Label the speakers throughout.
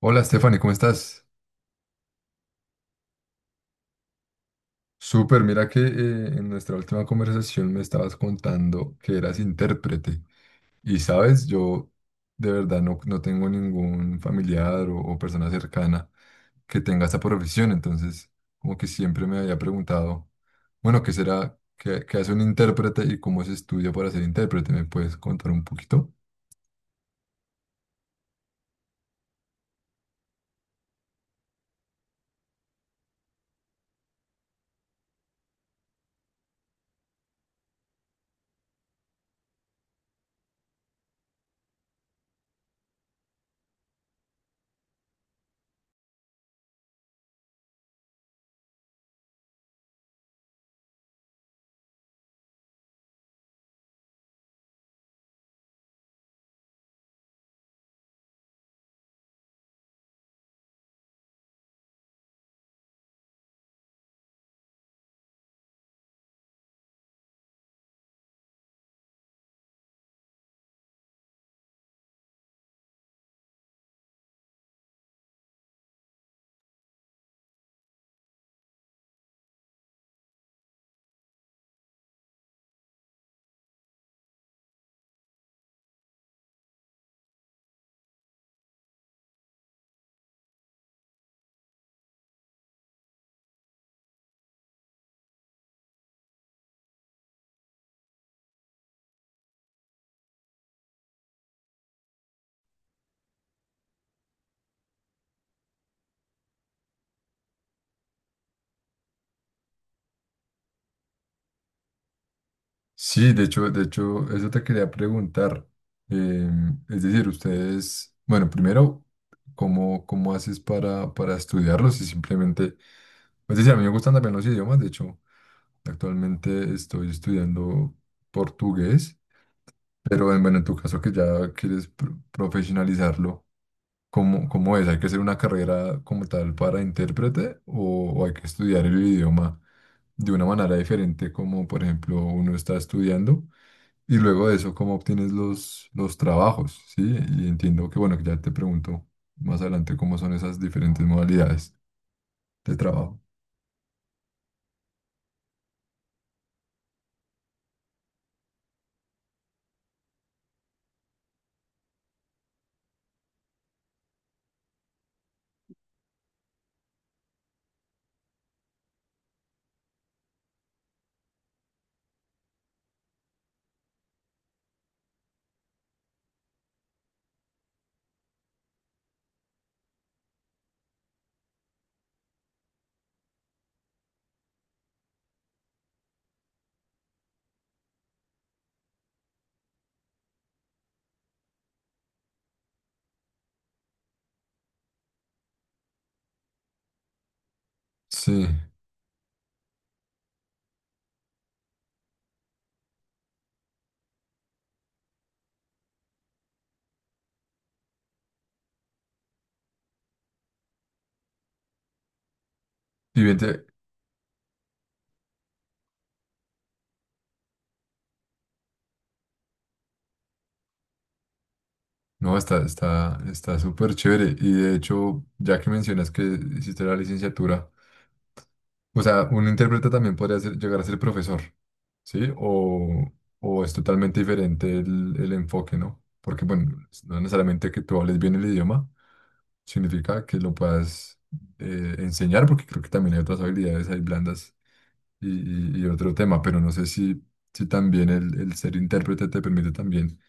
Speaker 1: Hola Stephanie, ¿cómo estás? Súper, mira que en nuestra última conversación me estabas contando que eras intérprete y sabes, yo de verdad no tengo ningún familiar o persona cercana que tenga esta profesión, entonces como que siempre me había preguntado, bueno, ¿qué será, qué hace un intérprete y cómo se estudia para ser intérprete? ¿Me puedes contar un poquito? Sí, de hecho, eso te quería preguntar. Es decir, ustedes, bueno, primero, ¿cómo, cómo haces para estudiarlos? Y simplemente, es decir, a mí me gustan también los idiomas, de hecho, actualmente estoy estudiando portugués, pero bueno, en tu caso que ya quieres profesionalizarlo, ¿cómo, cómo es? ¿Hay que hacer una carrera como tal para intérprete o hay que estudiar el idioma de una manera diferente como, por ejemplo, uno está estudiando? Y luego de eso, ¿cómo obtienes los trabajos? Sí, y entiendo que, bueno, que ya te pregunto más adelante cómo son esas diferentes modalidades de trabajo. Sí, y vente, no, está, está, está súper chévere. Y de hecho, ya que mencionas que hiciste la licenciatura, o sea, un intérprete también podría llegar a ser profesor, ¿sí? O es totalmente diferente el enfoque, ¿no? Porque, bueno, no necesariamente que tú hables bien el idioma significa que lo puedas enseñar, porque creo que también hay otras habilidades, hay blandas y, y otro tema, pero no sé si, si también el ser intérprete te permite también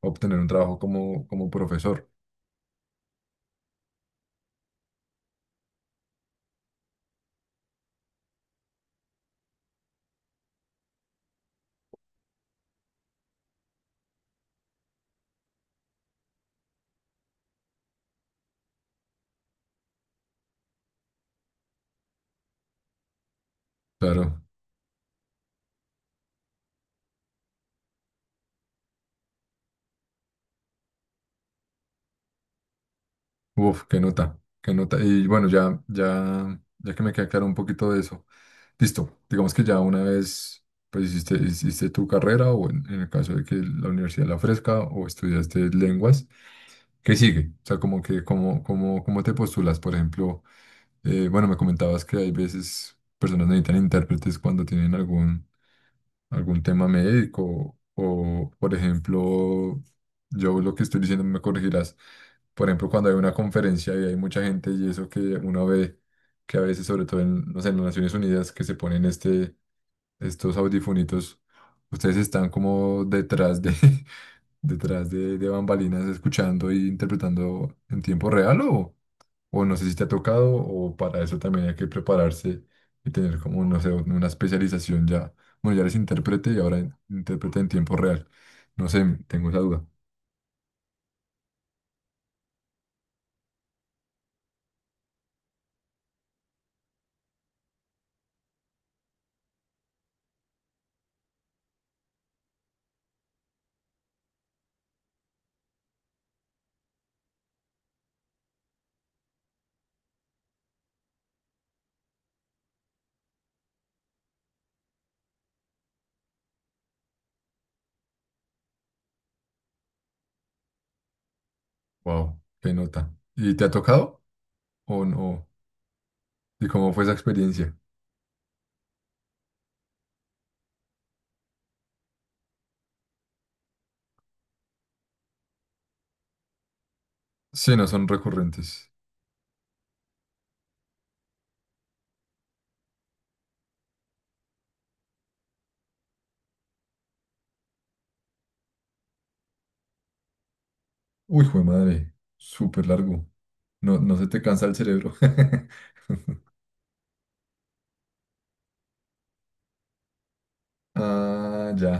Speaker 1: obtener un trabajo como, como profesor. Claro, uf, qué nota, qué nota. Y bueno, ya, ya, ya que me queda claro un poquito de eso, listo, digamos que ya una vez... Pues hiciste, hiciste tu carrera o en el caso de que la universidad la ofrezca o estudiaste lenguas, ¿qué sigue? O sea, como que, como, como, ¿cómo te postulas? Por ejemplo, bueno, me comentabas que hay veces personas necesitan intérpretes cuando tienen algún, algún tema médico o, por ejemplo, yo lo que estoy diciendo me corregirás. Por ejemplo, cuando hay una conferencia y hay mucha gente y eso que uno ve que a veces, sobre todo en, no sé, en las Naciones Unidas, que se ponen este, estos audifunitos, ustedes están como detrás de, detrás de bambalinas escuchando e interpretando en tiempo real o no sé si te ha tocado, o para eso también hay que prepararse y tener como, no sé, una especialización ya. Bueno, ya eres intérprete y ahora intérprete en tiempo real. No sé, tengo esa duda. Wow, qué nota. ¿Y te ha tocado o no? ¿Y cómo fue esa experiencia? Sí, no son recurrentes. Uy, jue madre, súper largo. No, no se te cansa el cerebro. Ah, ya.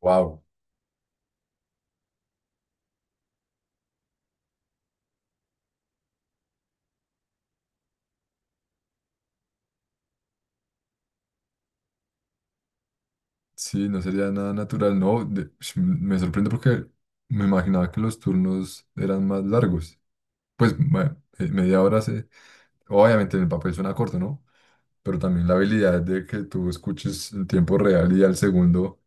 Speaker 1: Wow. Sí, no sería nada natural, no. Me sorprende porque me imaginaba que los turnos eran más largos. Pues, bueno, media hora se... Obviamente en el papel suena corto, ¿no? Pero también la habilidad de que tú escuches en tiempo real y al segundo,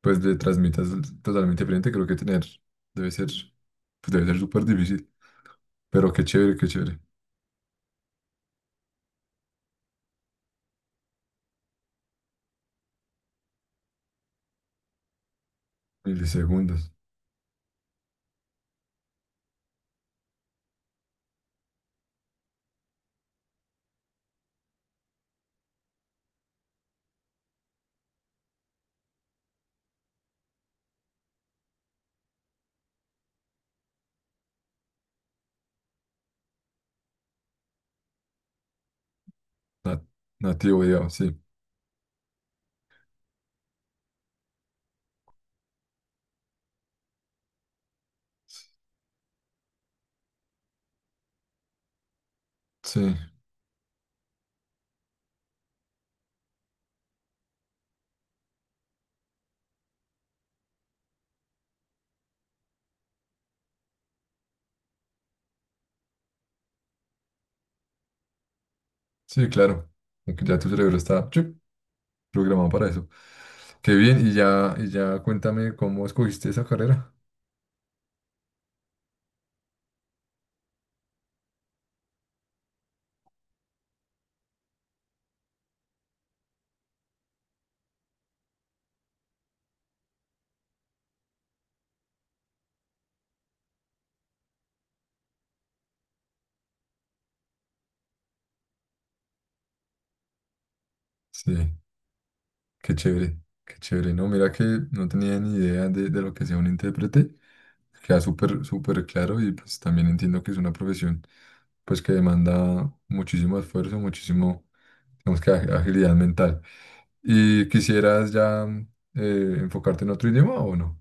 Speaker 1: pues le transmitas totalmente diferente, creo que tener debe ser, pues debe ser súper difícil. Pero qué chévere, qué chévere. Milisegundos. nat- Nativo, digamos, sí. Sí, sí, claro. Aunque ya tu cerebro está... chup, programado para eso. Qué bien, y ya cuéntame cómo escogiste esa carrera. Sí, qué chévere, qué chévere. No, mira que no tenía ni idea de lo que sea un intérprete. Queda súper, súper claro y pues también entiendo que es una profesión pues que demanda muchísimo esfuerzo, muchísimo, digamos que agilidad mental. ¿Y quisieras ya enfocarte en otro idioma o no?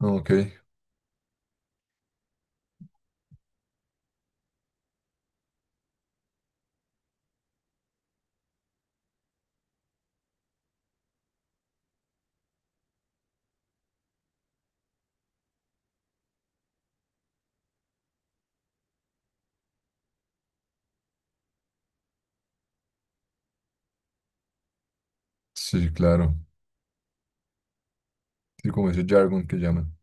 Speaker 1: Ok, sí, claro. Sí, como ese jargon que llaman.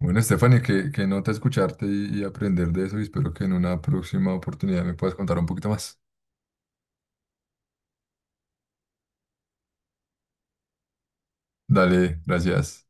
Speaker 1: Bueno, Stephanie, qué, qué nota escucharte y aprender de eso y espero que en una próxima oportunidad me puedas contar un poquito más. Dale, gracias.